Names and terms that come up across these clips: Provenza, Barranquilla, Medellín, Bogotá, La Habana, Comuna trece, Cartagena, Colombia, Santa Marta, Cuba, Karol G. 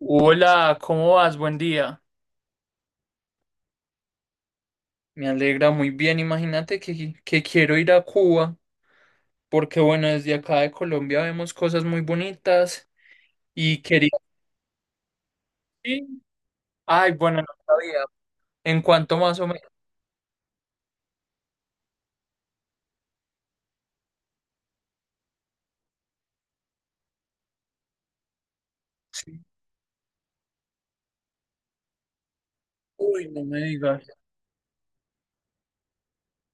Hola, ¿cómo vas? Buen día. Me alegra muy bien. Imagínate que quiero ir a Cuba, porque bueno, desde acá de Colombia vemos cosas muy bonitas y quería ir. Ay, bueno, no sabía. ¿En cuanto más o menos? Sí. Uy, no me digas.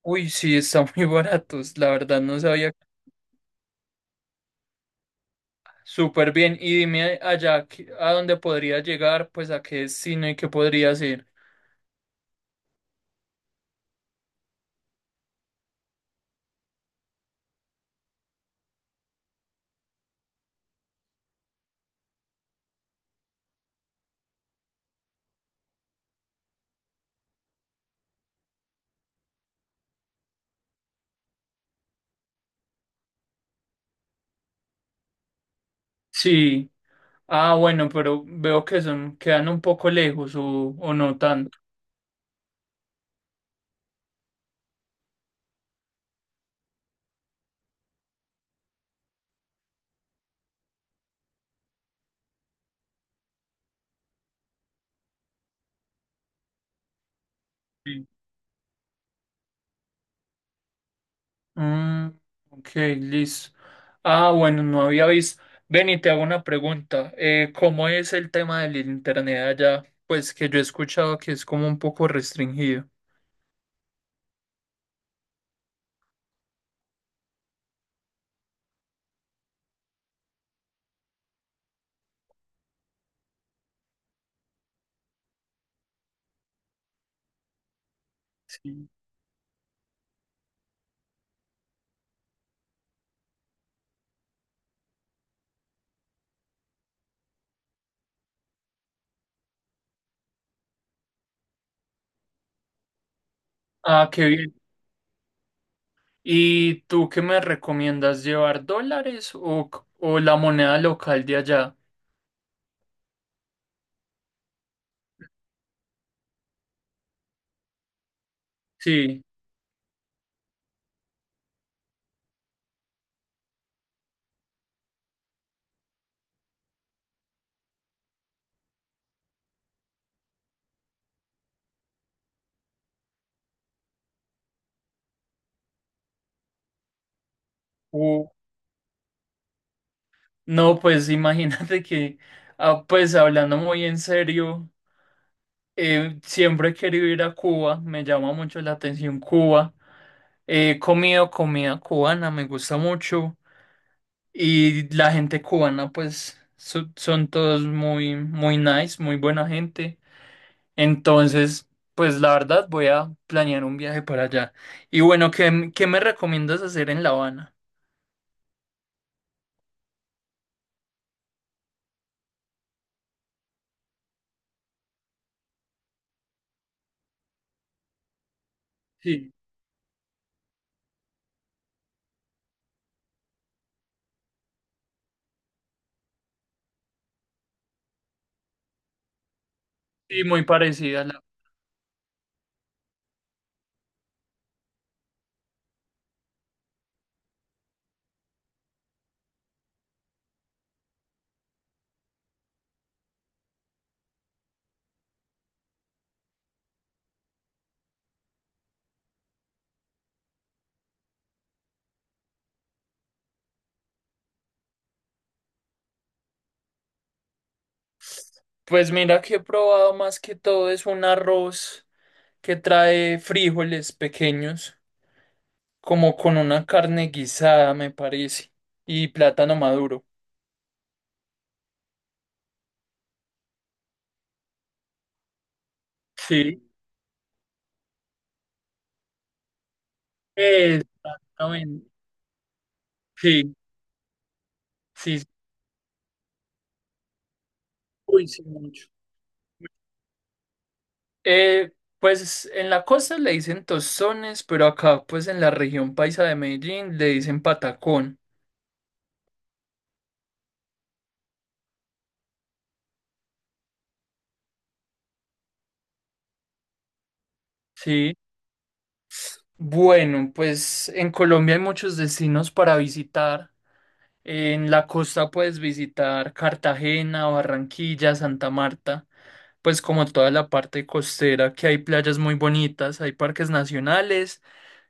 Uy, sí, están muy baratos. La verdad, no sabía. Súper bien. Y dime allá, ¿a dónde podría llegar, pues a qué destino y qué podría hacer? Sí. Ah, bueno, pero veo que son, quedan un poco lejos o no tanto. Mm, ok, listo. Ah, bueno, no había visto. Ven y te hago una pregunta. ¿Cómo es el tema del internet allá? Pues que yo he escuchado que es como un poco restringido. Sí. Ah, qué bien. ¿Y tú qué me recomiendas llevar, dólares o, o la moneda local de allá? Sí. Uh, no, pues imagínate que, ah, pues hablando muy en serio, siempre he querido ir a Cuba, me llama mucho la atención Cuba. He comido comida cubana, me gusta mucho. Y la gente cubana, pues, son todos muy, muy nice, muy buena gente. Entonces, pues, la verdad, voy a planear un viaje para allá. Y bueno, ¿qué me recomiendas hacer en La Habana? Sí, sí, muy parecida. Pues mira que he probado más que todo es un arroz que trae frijoles pequeños, como con una carne guisada, me parece, y plátano maduro. Sí. Exactamente. Sí, sí, sí. Uy, sí, mucho. Eh, pues en la costa le dicen tostones, pero acá, pues en la región paisa de Medellín le dicen patacón. Sí. Bueno, pues en Colombia hay muchos destinos para visitar. En la costa puedes visitar Cartagena, Barranquilla, Santa Marta. Pues como toda la parte costera, que hay playas muy bonitas, hay parques nacionales.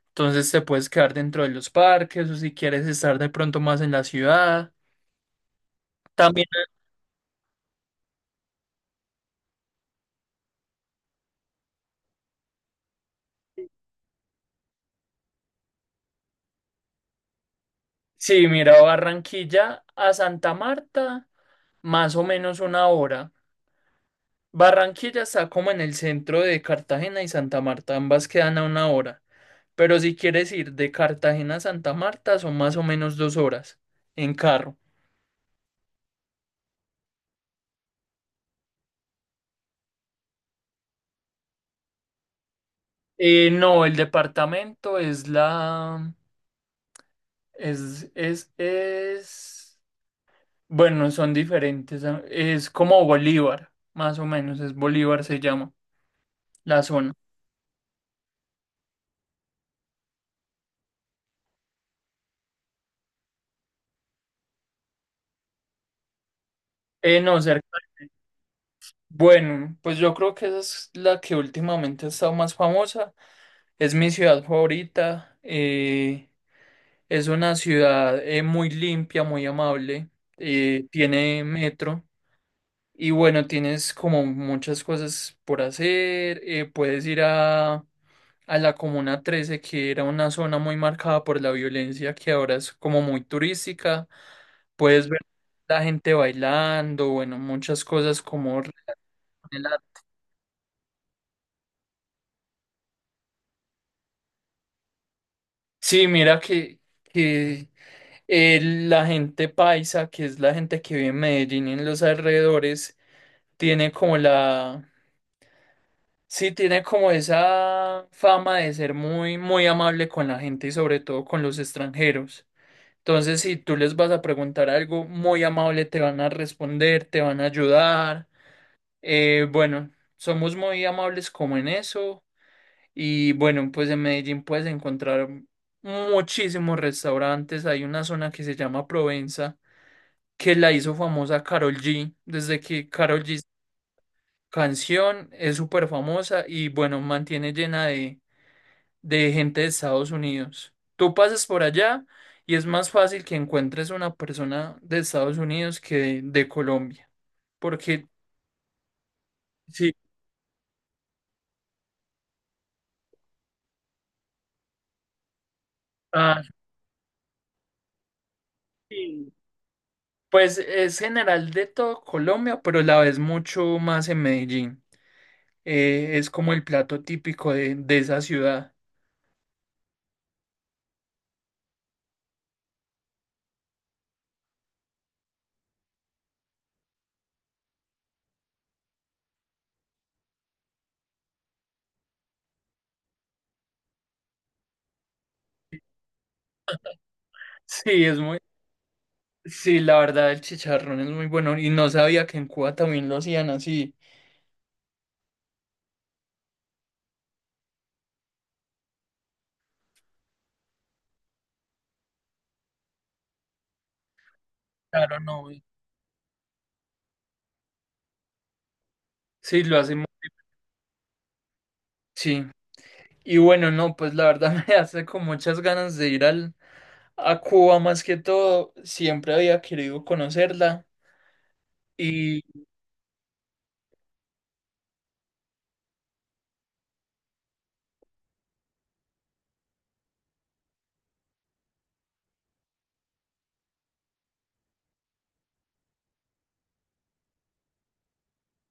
Entonces te puedes quedar dentro de los parques o si quieres estar de pronto más en la ciudad. También, sí, mira, Barranquilla a Santa Marta, más o menos una hora. Barranquilla está como en el centro de Cartagena y Santa Marta, ambas quedan a una hora. Pero si quieres ir de Cartagena a Santa Marta, son más o menos dos horas en carro. No, el departamento es la... Es, es, es... Bueno, son diferentes. Ah, es como Bolívar, más o menos. Es Bolívar, se llama la zona. No, cerca. Bueno, pues yo creo que esa es la que últimamente ha estado más famosa. Es mi ciudad favorita. Es una ciudad muy limpia, muy amable. Tiene metro. Y bueno, tienes como muchas cosas por hacer. Puedes ir a la Comuna 13, que era una zona muy marcada por la violencia, que ahora es como muy turística. Puedes ver la gente bailando, bueno, muchas cosas como... Sí, mira que la gente paisa, que es la gente que vive en Medellín y en los alrededores, tiene como la... Sí, tiene como esa fama de ser muy, muy amable con la gente y sobre todo con los extranjeros. Entonces, si tú les vas a preguntar algo muy amable, te van a responder, te van a ayudar. Bueno, somos muy amables como en eso. Y bueno, pues en Medellín puedes encontrar muchísimos restaurantes. Hay una zona que se llama Provenza, que la hizo famosa Karol G. Desde que Karol G canción es súper famosa y bueno, mantiene llena de gente de Estados Unidos. Tú pasas por allá y es más fácil que encuentres una persona de Estados Unidos que de Colombia, porque sí, ah, sí, pues es general de todo Colombia, pero la ves mucho más en Medellín. Es como el plato típico de esa ciudad. Sí, es muy, sí, la verdad el chicharrón es muy bueno y no sabía que en Cuba también lo hacían así. Claro, no, sí, lo hacen, sí. Y bueno, no, pues la verdad me hace con muchas ganas de ir a Cuba más que todo. Siempre había querido conocerla y,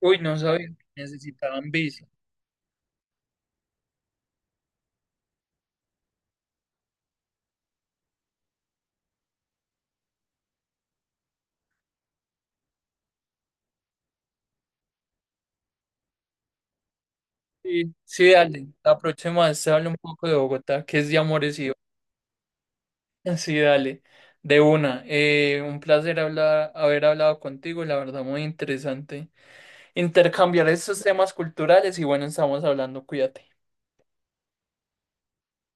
uy, no sabía que necesitaban visa. Sí, sí, dale. La próxima vez te hablo un poco de Bogotá, que es de amores y... Sí, dale. De una. Un placer hablar, haber hablado contigo, la verdad, muy interesante. Intercambiar estos temas culturales y bueno, estamos hablando, cuídate.